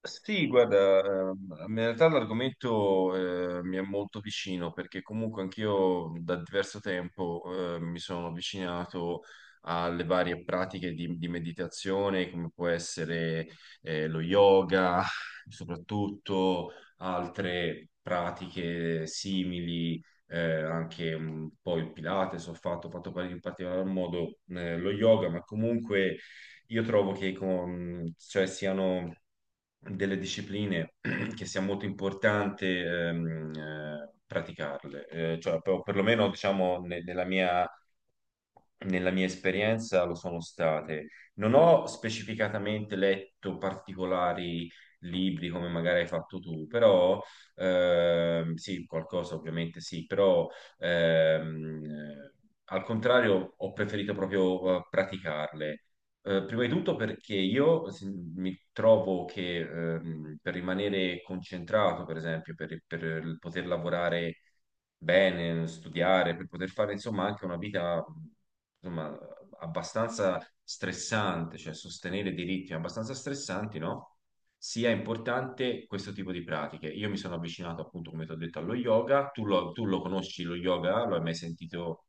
Sì, guarda, ehm, in realtà l'argomento mi è molto vicino perché comunque anch'io da diverso tempo mi sono avvicinato alle varie pratiche di meditazione, come può essere lo yoga, soprattutto altre pratiche simili, anche un po' il Pilates, ho fatto in particolar modo lo yoga, ma comunque io trovo che cioè, siano delle discipline che sia molto importante praticarle. Cioè, perlomeno diciamo, nella mia esperienza lo sono state. Non ho specificatamente letto particolari libri come magari hai fatto tu, però sì, qualcosa ovviamente sì, però ehm, eh, al contrario ho preferito proprio praticarle prima di tutto perché io mi trovo che per rimanere concentrato, per esempio, per poter lavorare bene, studiare, per poter fare insomma anche una vita insomma, abbastanza stressante, cioè sostenere dei ritmi abbastanza stressanti, no? Sia importante questo tipo di pratiche. Io mi sono avvicinato appunto, come ti ho detto, allo yoga. Tu lo conosci lo yoga? Lo hai mai sentito?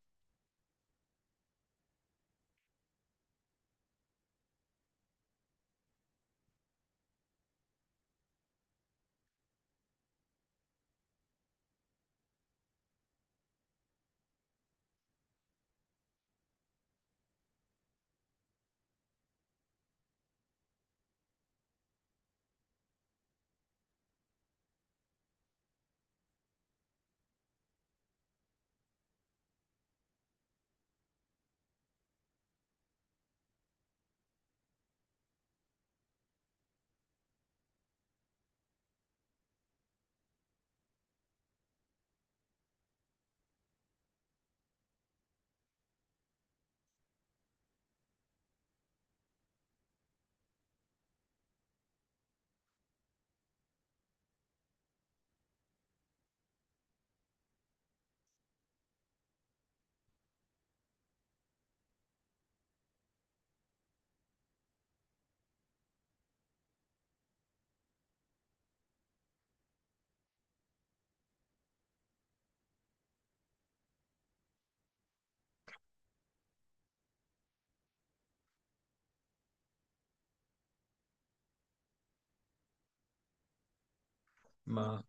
Ma.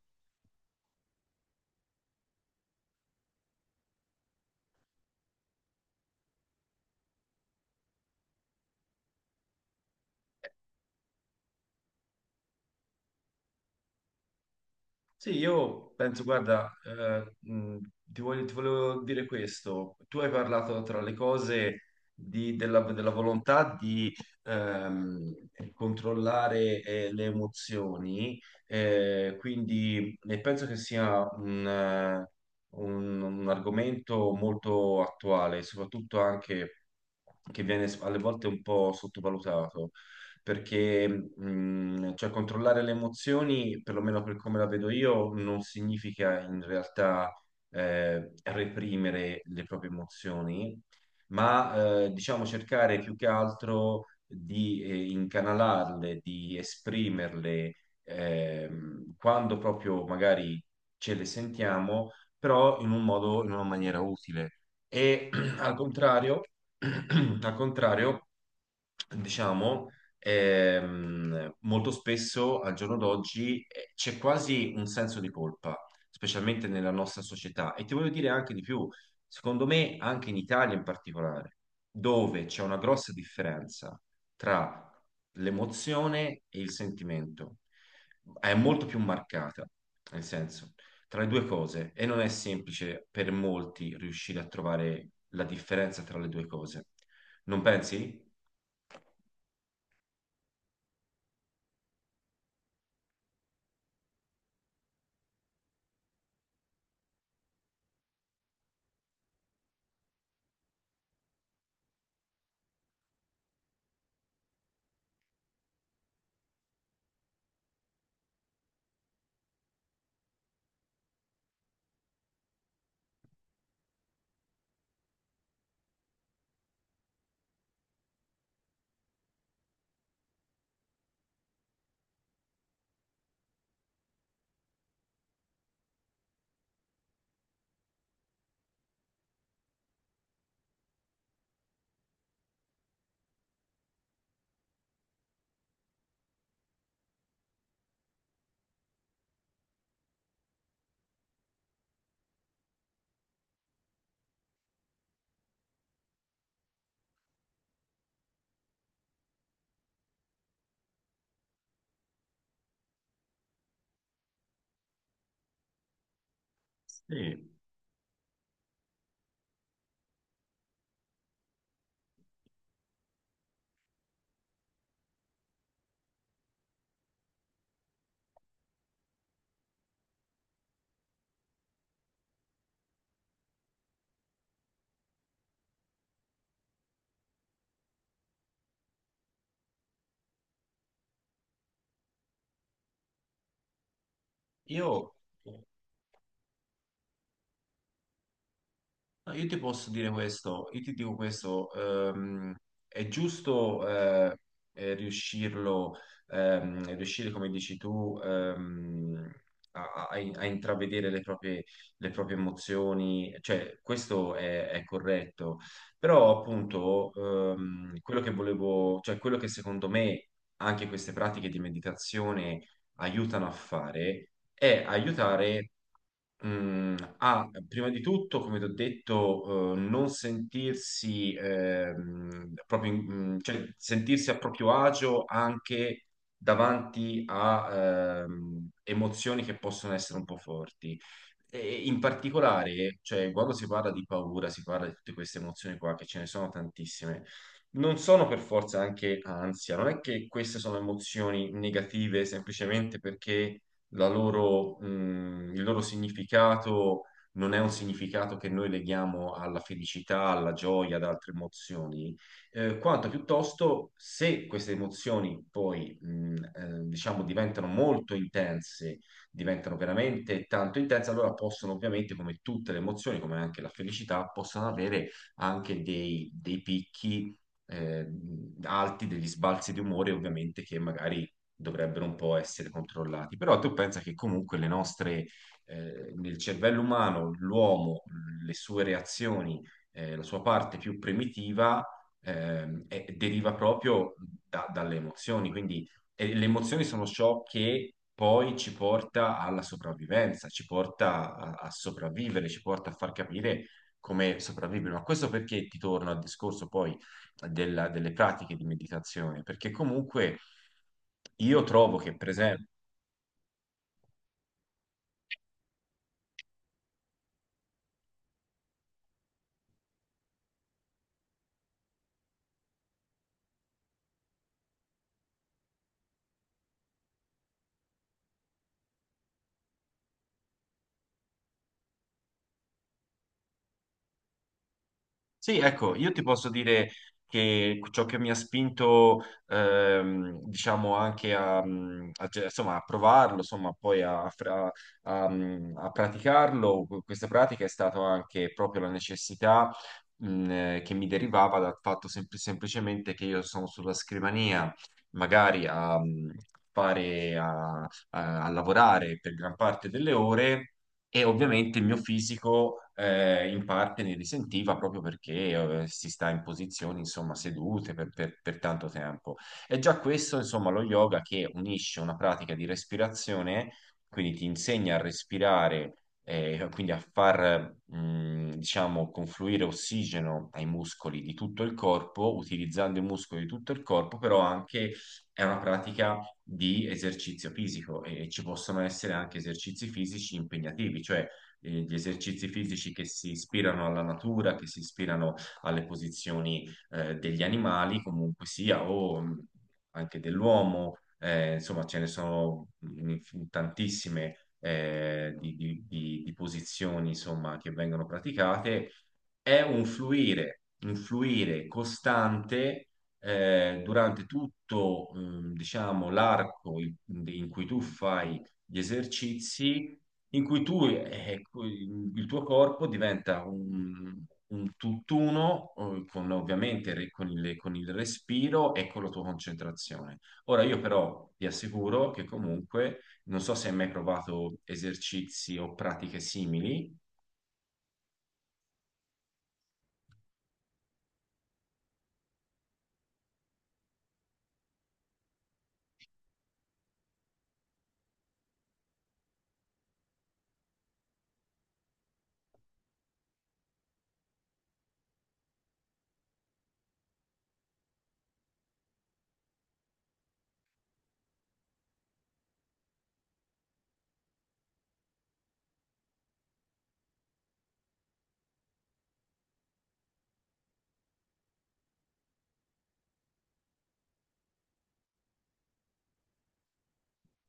Sì, io penso, guarda, ti volevo dire questo. Tu hai parlato tra le cose della volontà di ehm, controllare le emozioni, quindi e penso che sia un argomento molto attuale, soprattutto anche che viene alle volte un po' sottovalutato perché cioè, controllare le emozioni, perlomeno per come la vedo io, non significa in realtà reprimere le proprie emozioni, ma diciamo cercare più che altro di incanalarle, di esprimerle quando proprio magari ce le sentiamo, però in un modo, in una maniera utile. E al contrario, al contrario, diciamo molto spesso al giorno d'oggi c'è quasi un senso di colpa, specialmente nella nostra società. E ti voglio dire anche di più, secondo me anche in Italia in particolare, dove c'è una grossa differenza tra l'emozione e il sentimento, è molto più marcata, nel senso, tra le due cose, e non è semplice per molti riuscire a trovare la differenza tra le due cose. Non pensi? Sì. Io, no, io ti posso dire questo, io ti dico questo, è giusto riuscirlo, riuscire, come dici tu, a, a- a intravedere le proprie emozioni, cioè questo è corretto, però appunto quello che volevo, cioè quello che secondo me anche queste pratiche di meditazione aiutano a fare è aiutare. Ah, prima di tutto, come ti ho detto, non sentirsi proprio, cioè sentirsi a proprio agio anche davanti a emozioni che possono essere un po' forti. E in particolare, cioè, quando si parla di paura, si parla di tutte queste emozioni qua, che ce ne sono tantissime, non sono per forza anche ansia, non è che queste sono emozioni negative semplicemente perché il loro significato non è un significato che noi leghiamo alla felicità, alla gioia, ad altre emozioni, quanto piuttosto se queste emozioni poi, diciamo, diventano molto intense, diventano veramente tanto intense, allora possono ovviamente, come tutte le emozioni, come anche la felicità, possono avere anche dei, dei picchi. eh, alti degli sbalzi di umore ovviamente che magari dovrebbero un po' essere controllati. Però tu pensa che comunque le nostre, nel cervello umano, l'uomo, le sue reazioni, la sua parte più primitiva, deriva proprio dalle emozioni. Quindi le emozioni sono ciò che poi ci porta alla sopravvivenza, ci porta a sopravvivere, ci porta a far capire come sopravvivere. Ma questo perché ti torno al discorso poi delle pratiche di meditazione, perché comunque io trovo che, per esempio, sì, ecco, io ti posso dire che ciò che mi ha spinto, diciamo, anche a insomma, a provarlo, insomma, poi a a praticarlo, questa pratica è stata anche proprio la necessità, che mi derivava dal fatto semplicemente che io sono sulla scrivania, magari a, fare, a lavorare per gran parte delle ore. E ovviamente il mio fisico in parte ne risentiva proprio perché si sta in posizioni, insomma, sedute per tanto tempo. E già questo, insomma, lo yoga che unisce una pratica di respirazione, quindi ti insegna a respirare, quindi a far, diciamo, confluire ossigeno ai muscoli di tutto il corpo, utilizzando i muscoli di tutto il corpo, però anche è una pratica di esercizio fisico e ci possono essere anche esercizi fisici impegnativi, cioè gli esercizi fisici che si ispirano alla natura, che si ispirano alle posizioni degli animali, comunque sia, o anche dell'uomo, insomma ce ne sono tantissime di posizioni insomma, che vengono praticate, è un fluire costante durante tutto, diciamo, l'arco in cui tu fai gli esercizi, in cui tu, ecco, il tuo corpo diventa un tutt'uno, con, ovviamente, con il respiro e con la tua concentrazione. Ora, io però ti assicuro che comunque, non so se hai mai provato esercizi o pratiche simili.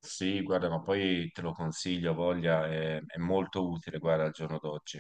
Sì, guarda, ma poi te lo consiglio, voglia, è molto utile, guarda, al giorno d'oggi.